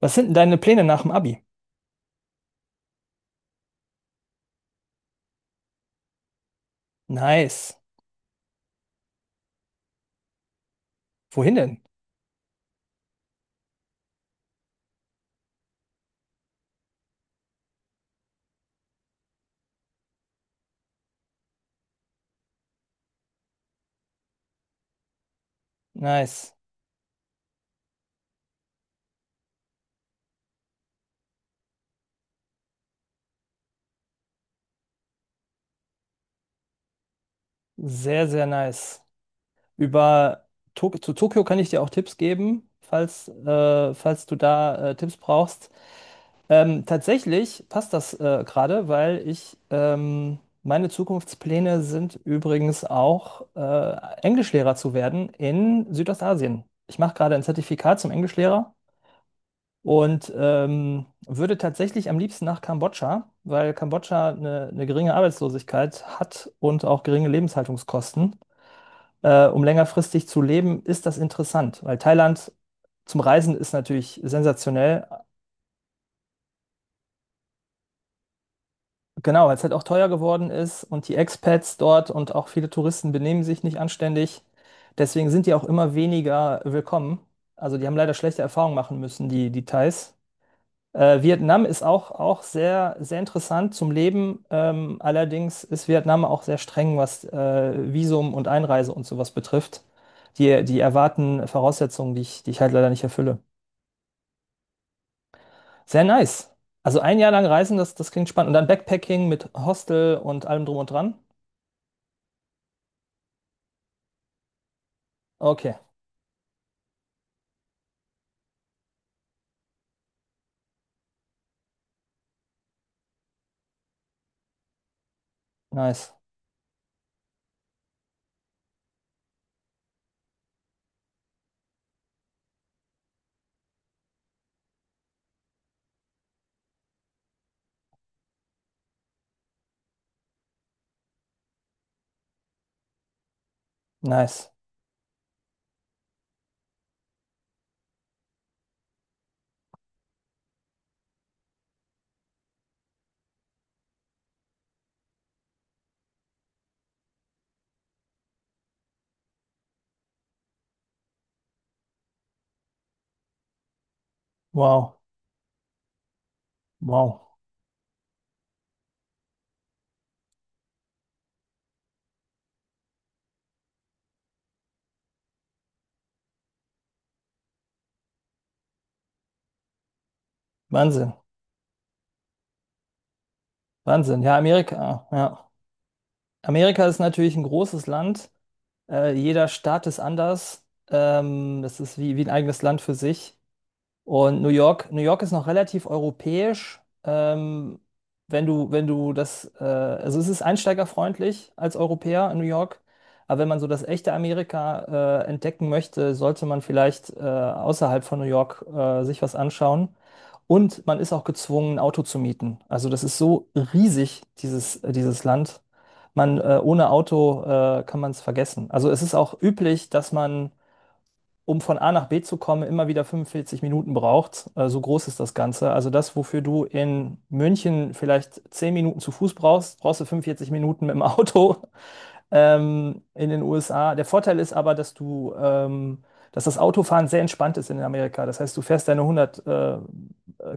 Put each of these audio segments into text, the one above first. Was sind denn deine Pläne nach dem Abi? Nice. Wohin denn? Nice. Sehr, sehr nice. Über Tokio kann ich dir auch Tipps geben, falls, falls du da Tipps brauchst. Tatsächlich passt das gerade, weil ich meine Zukunftspläne sind übrigens auch Englischlehrer zu werden in Südostasien. Ich mache gerade ein Zertifikat zum Englischlehrer und würde tatsächlich am liebsten nach Kambodscha, weil Kambodscha eine geringe Arbeitslosigkeit hat und auch geringe Lebenshaltungskosten. Um längerfristig zu leben, ist das interessant, weil Thailand zum Reisen ist natürlich sensationell. Genau, weil es halt auch teuer geworden ist und die Expats dort und auch viele Touristen benehmen sich nicht anständig. Deswegen sind die auch immer weniger willkommen. Also die haben leider schlechte Erfahrungen machen müssen, die, die Thais. Vietnam ist auch, auch sehr, sehr interessant zum Leben. Allerdings ist Vietnam auch sehr streng, was Visum und Einreise und sowas betrifft. Die, die erwarten Voraussetzungen, die ich halt leider nicht erfülle. Sehr nice. Also ein Jahr lang reisen, das, das klingt spannend. Und dann Backpacking mit Hostel und allem drum und dran. Okay, nice, nice. Wow, wow. Wahnsinn, Wahnsinn. Ja. Amerika ist natürlich ein großes Land. Jeder Staat ist anders. Das ist wie, wie ein eigenes Land für sich. Und New York, New York ist noch relativ europäisch. Wenn du, wenn du das, also es ist einsteigerfreundlich als Europäer in New York, aber wenn man so das echte Amerika entdecken möchte, sollte man vielleicht außerhalb von New York sich was anschauen. Und man ist auch gezwungen, ein Auto zu mieten. Also das ist so riesig, dieses, dieses Land. Man, ohne Auto kann man es vergessen. Also es ist auch üblich, dass man um von A nach B zu kommen, immer wieder 45 Minuten braucht. So groß ist das Ganze. Also das, wofür du in München vielleicht 10 Minuten zu Fuß brauchst, brauchst du 45 Minuten mit dem Auto in den USA. Der Vorteil ist aber, dass du, dass das Autofahren sehr entspannt ist in Amerika. Das heißt, du fährst deine 100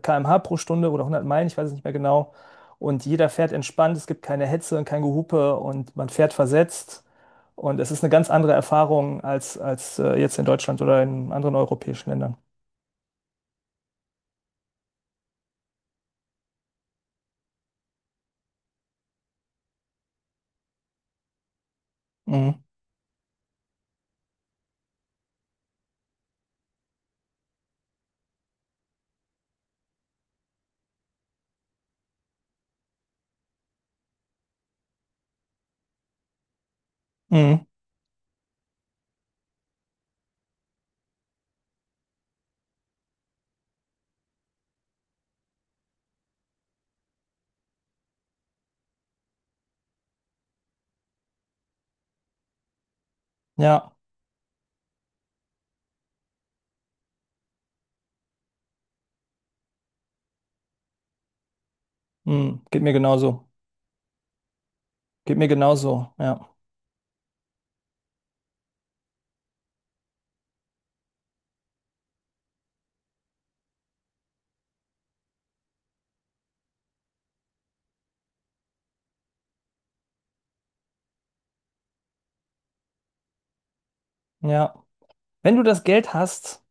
km/h pro Stunde oder 100 Meilen, ich weiß es nicht mehr genau. Und jeder fährt entspannt. Es gibt keine Hetze und kein Gehupe und man fährt versetzt. Und es ist eine ganz andere Erfahrung als, als jetzt in Deutschland oder in anderen europäischen Ländern. Mhm. Mhm. Ja, mhm. Geht mir genauso. Geht mir genauso. Ja, ja. Wenn du das Geld hast,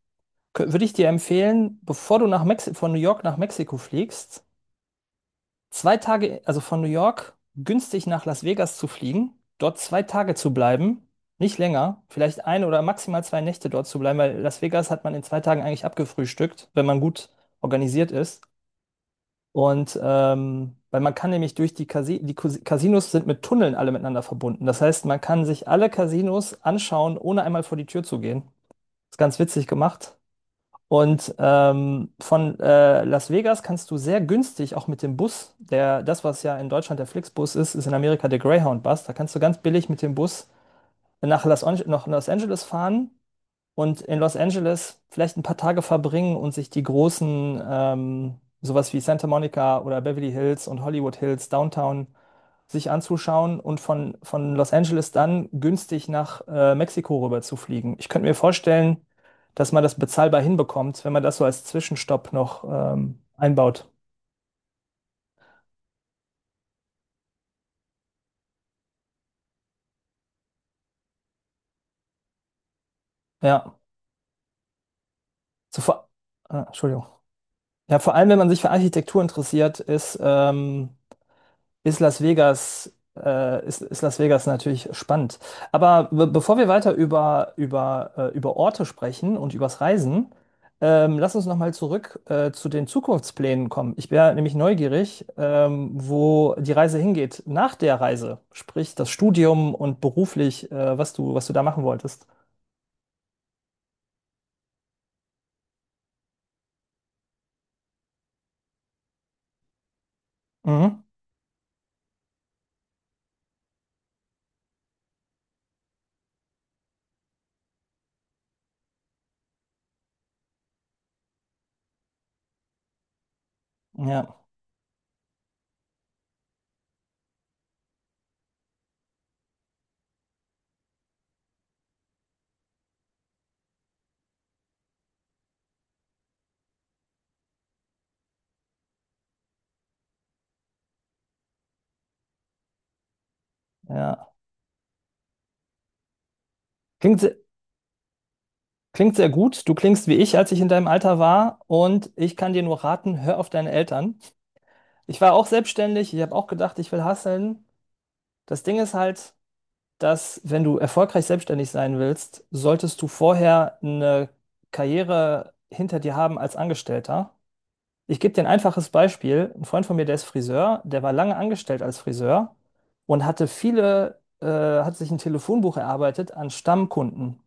würde ich dir empfehlen, bevor du nach Mexi von New York nach Mexiko fliegst, zwei Tage, also von New York günstig nach Las Vegas zu fliegen, dort zwei Tage zu bleiben, nicht länger, vielleicht eine oder maximal zwei Nächte dort zu bleiben, weil Las Vegas hat man in zwei Tagen eigentlich abgefrühstückt, wenn man gut organisiert ist. Und weil man kann nämlich durch die Casinos sind mit Tunneln alle miteinander verbunden. Das heißt, man kann sich alle Casinos anschauen, ohne einmal vor die Tür zu gehen. Ist ganz witzig gemacht. Und von Las Vegas kannst du sehr günstig auch mit dem Bus, der, das, was ja in Deutschland der Flixbus ist, ist in Amerika der Greyhound-Bus. Da kannst du ganz billig mit dem Bus nach nach Los Angeles fahren und in Los Angeles vielleicht ein paar Tage verbringen und sich die großen, sowas wie Santa Monica oder Beverly Hills und Hollywood Hills, Downtown sich anzuschauen und von Los Angeles dann günstig nach Mexiko rüber zu fliegen. Ich könnte mir vorstellen, dass man das bezahlbar hinbekommt, wenn man das so als Zwischenstopp noch einbaut. Ja, so vor, ah, Entschuldigung. Ja, vor allem, wenn man sich für Architektur interessiert, ist ist Las Vegas, ist Las Vegas natürlich spannend. Aber be bevor wir weiter über, über, über Orte sprechen und übers Reisen, lass uns nochmal zurück zu den Zukunftsplänen kommen. Ich wäre nämlich neugierig, wo die Reise hingeht nach der Reise, sprich das Studium und beruflich, was du da machen wolltest. Mhm. Ja, ja. Klingt, se- klingt sehr gut. Du klingst wie ich, als ich in deinem Alter war. Und ich kann dir nur raten, hör auf deine Eltern. Ich war auch selbstständig, ich habe auch gedacht, ich will hustlen. Das Ding ist halt, dass wenn du erfolgreich selbstständig sein willst, solltest du vorher eine Karriere hinter dir haben als Angestellter. Ich gebe dir ein einfaches Beispiel. Ein Freund von mir, der ist Friseur, der war lange angestellt als Friseur und hatte viele, hat sich ein Telefonbuch erarbeitet an Stammkunden.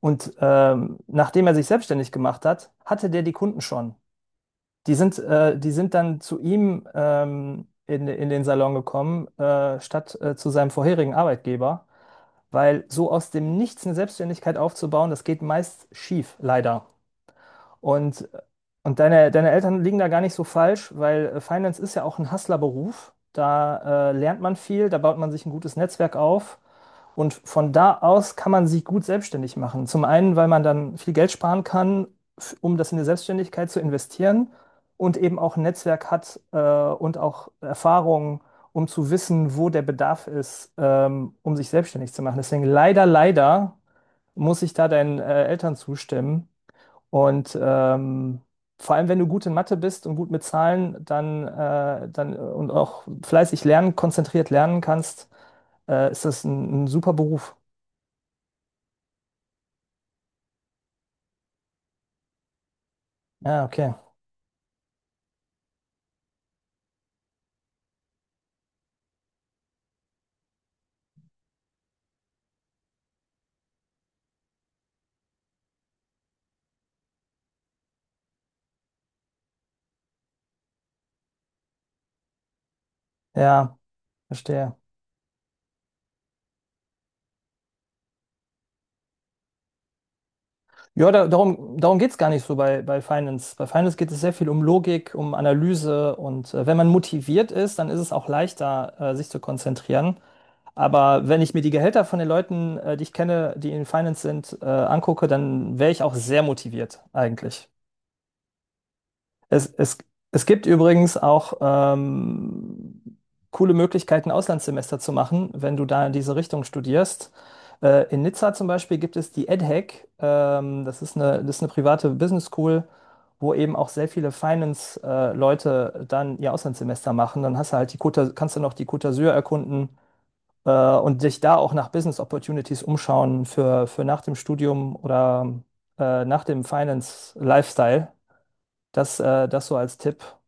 Und nachdem er sich selbstständig gemacht hat, hatte der die Kunden schon. Die sind dann zu ihm in den Salon gekommen, statt zu seinem vorherigen Arbeitgeber, weil so aus dem Nichts eine Selbstständigkeit aufzubauen, das geht meist schief, leider. Und, und deine, deine Eltern liegen da gar nicht so falsch, weil Finance ist ja auch ein Hustlerberuf. Da lernt man viel, da baut man sich ein gutes Netzwerk auf. Und von da aus kann man sich gut selbstständig machen. Zum einen, weil man dann viel Geld sparen kann, um das in die Selbstständigkeit zu investieren und eben auch ein Netzwerk hat und auch Erfahrung, um zu wissen, wo der Bedarf ist, um sich selbstständig zu machen. Deswegen leider, leider muss ich da deinen Eltern zustimmen. Und vor allem, wenn du gut in Mathe bist und gut mit Zahlen, dann und auch fleißig lernen, konzentriert lernen kannst, ist das ein super Beruf. Ja, okay. Ja, verstehe. Ja, da, darum geht es gar nicht so bei, bei Finance. Bei Finance geht es sehr viel um Logik, um Analyse und wenn man motiviert ist, dann ist es auch leichter, sich zu konzentrieren. Aber wenn ich mir die Gehälter von den Leuten, die ich kenne, die in Finance sind, angucke, dann wäre ich auch sehr motiviert eigentlich. Es, es, es gibt übrigens auch coole Möglichkeiten, Auslandssemester zu machen, wenn du da in diese Richtung studierst. In Nizza zum Beispiel gibt es die EdHec. Das ist eine, das ist eine private Business School, wo eben auch sehr viele Finance-Leute dann ihr Auslandssemester machen. Dann hast du halt die Côte, kannst du noch die Côte d'Azur erkunden äh, und dich da auch nach Business Opportunities umschauen für nach dem Studium oder nach dem Finance-Lifestyle. Das, das so als Tipp.